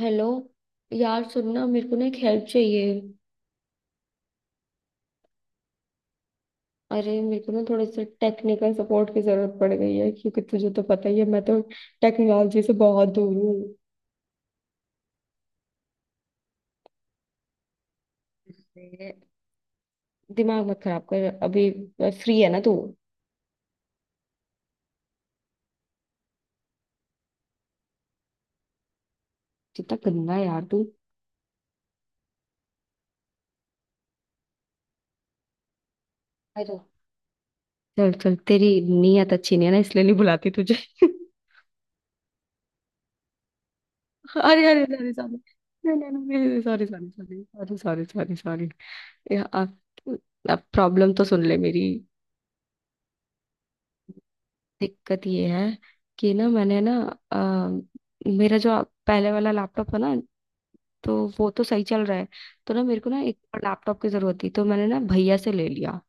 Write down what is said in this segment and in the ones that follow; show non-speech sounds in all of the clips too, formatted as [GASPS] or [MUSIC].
Hello. यार सुनना मेरे को ना एक हेल्प चाहिए। अरे मेरे को ना थोड़े से टेक्निकल सपोर्ट की जरूरत पड़ गई है, क्योंकि तुझे तो पता ही है, मैं तो टेक्नोलॉजी से बहुत दूर हूँ। अरे, दिमाग मत खराब कर अभी। फ्री है ना तू? कितना गंदा है यार तू। अरे चल चल, तेरी नीयत अच्छी नहीं है ना, इसलिए नहीं बुलाती तुझे। [LAUGHS] अरे अरे सॉरी सॉरी। नहीं नहीं नहीं sorry sorry sorry. Sorry sorry sorry. अब प्रॉब्लम तो सुन ले मेरी। दिक्कत ये है कि ना मैंने ना मेरा जो पहले वाला लैपटॉप था ना, तो वो तो सही चल रहा है। तो ना मेरे को ना एक और लैपटॉप की जरूरत थी, तो मैंने ना भैया से ले लिया।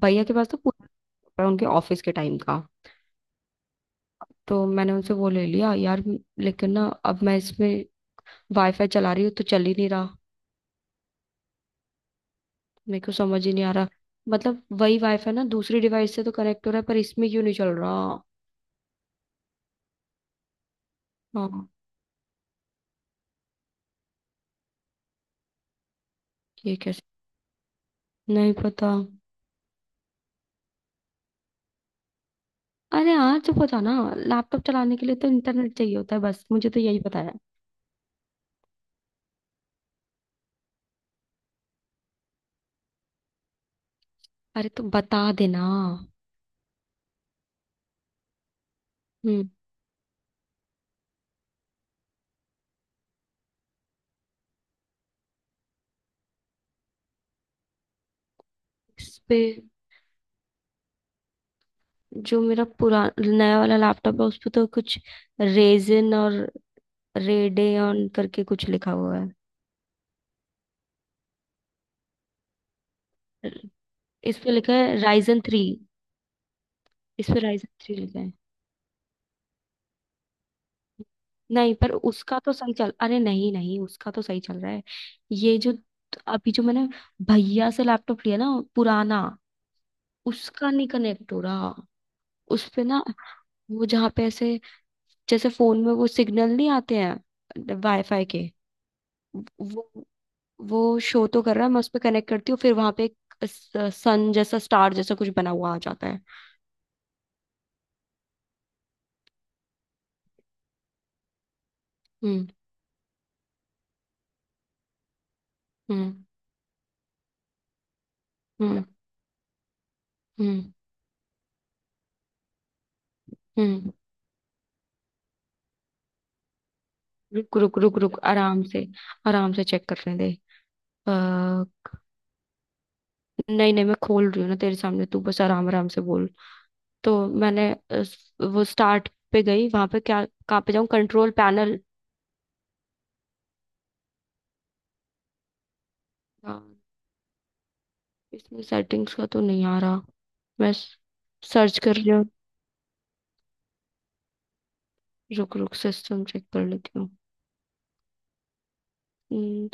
भैया के पास तो पूरा laptop है, उनके ऑफिस के टाइम का। तो मैंने उनसे वो ले लिया यार। लेकिन ना अब मैं इसमें वाईफाई चला रही हूँ तो चल ही नहीं रहा। मेरे को समझ ही नहीं आ रहा। मतलब वही वाईफाई ना दूसरी डिवाइस से तो कनेक्ट हो रहा है, पर इसमें क्यों नहीं चल रहा? हाँ। ये कैसे? नहीं पता। अरे हाँ चुप हो जाओ ना। लैपटॉप चलाने के लिए तो इंटरनेट चाहिए होता है, बस मुझे तो यही पता है। अरे तो बता देना। हम्म। इस पे जो मेरा पुरा नया वाला लैपटॉप है उस पे तो कुछ रेजिन और रेडेन करके कुछ लिखा हुआ है। इस पे लिखा है राइजन 3। इस पे राइजन 3 लिखा है। नहीं पर उसका तो सही चल, अरे नहीं नहीं उसका तो सही चल रहा है। ये जो अभी जो मैंने भैया से लैपटॉप लिया ना पुराना, उसका नहीं कनेक्ट हो रहा। उस पे ना वो जहाँ पे ऐसे जैसे फोन में वो सिग्नल नहीं आते हैं वाईफाई के वो वो शो तो कर रहा है। मैं उस पर कनेक्ट करती हूँ, फिर वहां पे एक सन जैसा स्टार जैसा कुछ बना हुआ आ जाता है। हम्म। हम्म। हम्म। हम्म। हम्म। रुक रुक रुक रुक, आराम से। आराम से चेक करने दे। आ, नहीं नहीं मैं खोल रही हूँ ना तेरे सामने, तू बस आराम आराम से बोल। तो मैंने वो स्टार्ट पे गई, वहां पे क्या? कहाँ पे जाऊँ? Control panel? इसमें सेटिंग्स का तो नहीं आ रहा। मैं सर्च कर रही हूँ। रुक रुक सिस्टम चेक कर लेती हूँ।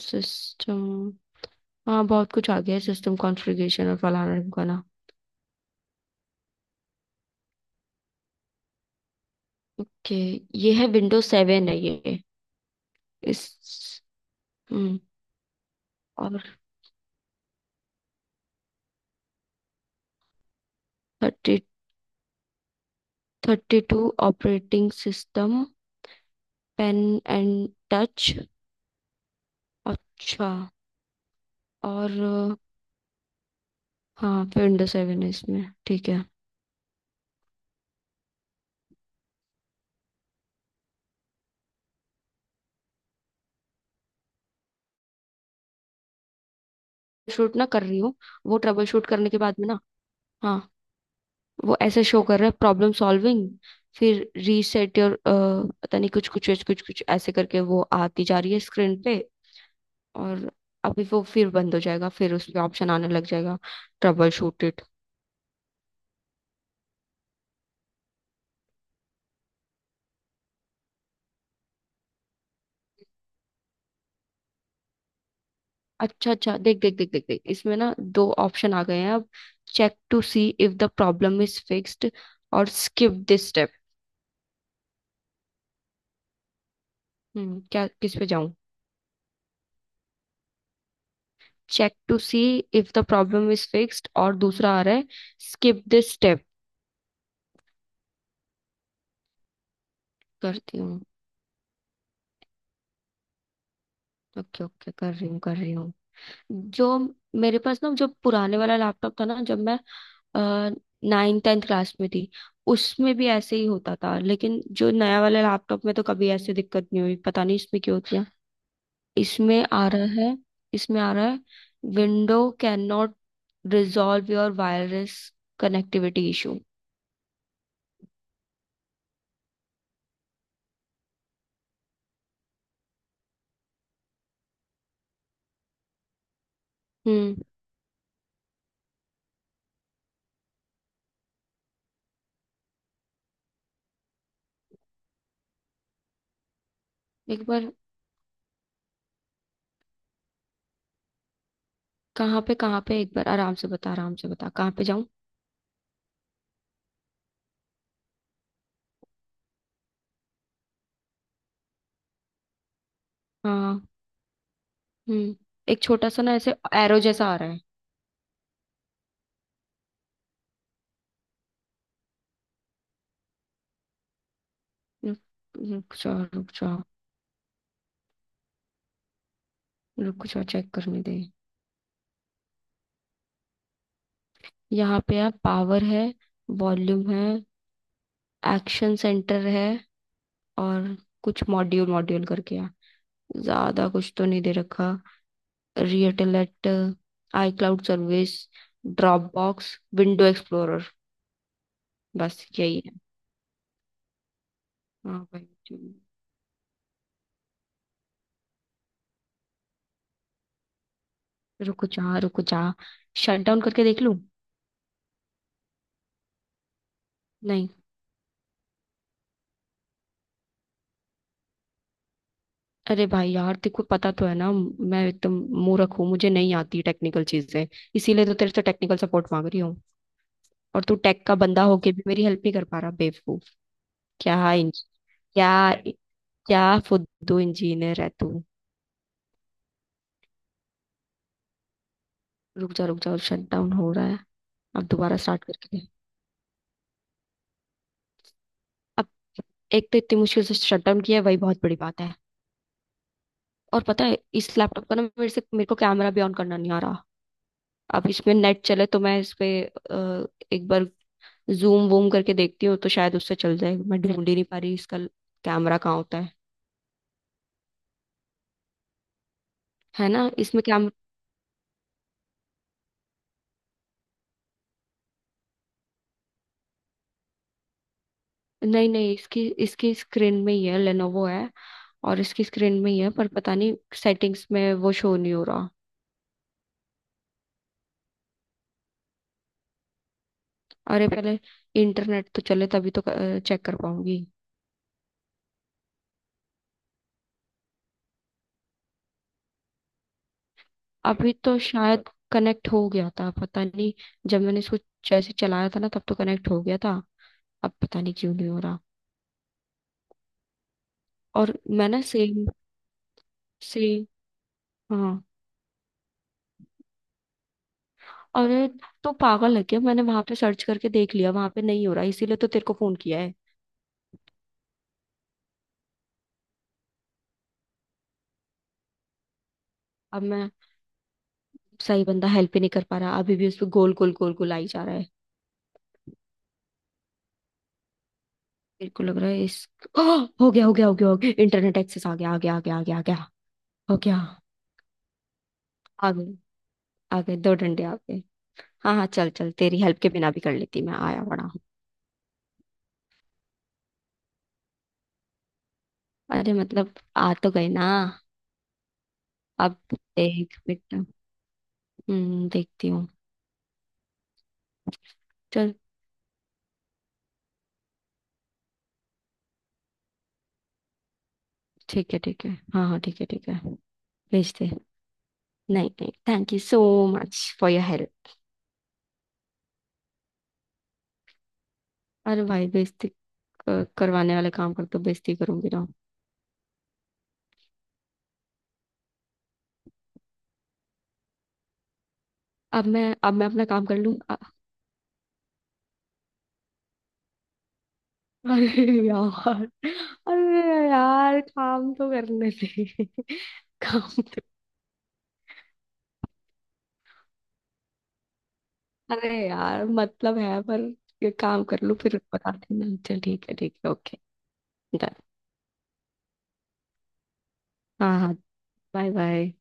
सिस्टम। हाँ बहुत कुछ आ गया है, सिस्टम कॉन्फ़िगरेशन और फलाना ढिमकाना। ओके। ये है विंडोज 7 है ये। इस। हम्म। और thirty thirty two operating system, pen and touch. अच्छा। और हाँ विंडोज 7 है इसमें, ठीक है। शूट ना कर रही हूँ, वो ट्रबल शूट करने के बाद में ना। हाँ। वो ऐसे शो कर रहा है प्रॉब्लम सॉल्विंग। फिर रीसेट योर पता नहीं कुछ कुछ कुछ कुछ कुछ ऐसे करके वो आती जा रही है स्क्रीन पे। और अभी वो फिर बंद हो जाएगा, फिर उस पे ऑप्शन आने लग जाएगा ट्रबल शूट इट। अच्छा अच्छा देख देख देख देख देख, इसमें ना दो ऑप्शन आ गए हैं अब। Check to see if the problem is fixed or skip this step. क्या, किस पे जाऊं? Check to see if the problem is fixed और दूसरा आ रहा है स्किप दिस स्टेप। करती हूँ। ओके ओके कर रही हूँ कर रही हूँ। जो मेरे पास ना जो पुराने वाला लैपटॉप था ना, जब मैं 9-10वीं क्लास में थी, उसमें भी ऐसे ही होता था, लेकिन जो नया वाला लैपटॉप में तो कभी ऐसे दिक्कत नहीं हुई, पता नहीं इसमें क्यों होती है। इसमें आ रहा है। इसमें आ रहा है window can not resolve your wireless connectivity issue. हम्म। एक बार। कहाँ पे कहाँ पे, एक बार आराम से बता, आराम से बता कहाँ पे जाऊँ। हाँ। हम्म। एक छोटा सा ना ऐसे एरो जैसा आ रहा है। रुक, रुक जाओ रुक जाओ। रुको थोड़ा चेक करने दे। यहाँ पे है, पावर है, वॉल्यूम है, एक्शन सेंटर है, और कुछ मॉड्यूल मॉड्यूल करके है। ज्यादा कुछ तो नहीं दे रखा। रियटेलेट, iCloud service, Dropbox, window explorer. बस यही है। हाँ भाई चलो। रुको जा रुको जा, शट डाउन करके देख लूं। नहीं। अरे भाई यार तेको पता तो है ना, मैं एकदम मूर्ख हूँ, मुझे नहीं आती टेक्निकल चीजें, इसीलिए तो तेरे से टेक्निकल सपोर्ट मांग रही हूँ। और तू टेक का बंदा होके भी मेरी हेल्प नहीं कर पा रहा बेवकूफ। क्या इंज क्या? क्या फुद्दू इंजीनियर है तू? रुक जा रुक जा, शट डाउन हो रहा है। अब दोबारा स्टार्ट करके दे। अब एक तो इतनी मुश्किल से शट डाउन किया है, वही बहुत बड़ी बात है। और पता है इस लैपटॉप का ना मेरे से मेरे को कैमरा भी ऑन करना नहीं आ रहा। अब इसमें नेट चले तो मैं इस पे एक बार जूम वूम करके देखती हूँ, तो शायद उससे चल जाए। मैं ढूंढ ही नहीं पा रही इसका कैमरा कहाँ होता है। है ना इसमें कैम नहीं नहीं इसकी इसकी स्क्रीन में ही है, लेनोवो है, और इसकी स्क्रीन में ही है पर पता नहीं सेटिंग्स में वो शो नहीं हो रहा। अरे पहले इंटरनेट तो चले तभी तो चेक कर पाऊंगी। अभी तो शायद कनेक्ट हो गया था पता नहीं। जब मैंने इसको जैसे चलाया था ना, तब तो कनेक्ट हो गया था। अब पता नहीं क्यों नहीं हो रहा। और मैं ना सेम सेम। हाँ। अरे तो पागल है क्या, मैंने वहां पे सर्च करके देख लिया, वहां पे नहीं हो रहा, इसीलिए तो तेरे को फोन किया है। अब मैं, सही बंदा हेल्प ही नहीं कर पा रहा, अभी भी उस पर गोल गोल गोल गोल आई जा रहा है। मेरे को लग रहा है इस [GASPS] ओह! हो गया हो गया हो गया हो गया, इंटरनेट एक्सेस आ गया आ गया आ गया आ गया आ गया। हो गया। आ गए। आ गए दो डंडे आ गए। हाँ हाँ चल चल, तेरी हेल्प के बिना भी कर लेती मैं, आया बड़ा हूँ। अरे मतलब आ तो गए ना। अब देख बेटा। देखती हूँ। चल ठीक है हाँ हाँ ठीक है ठीक है। भेज दे। नहीं नहीं thank you so much for your help. अरे भाई बेइज्जती, करवाने वाले काम कर तो बेइज्जती करूंगी ना। अब मैं अपना काम कर लूँ। अरे यार। अरे यार काम तो करने दे। काम तो। अरे यार मतलब है पर ये काम कर लूँ, फिर बताती हूँ ना। चल ठीक है ओके। डन। हाँ हाँ। Bye bye.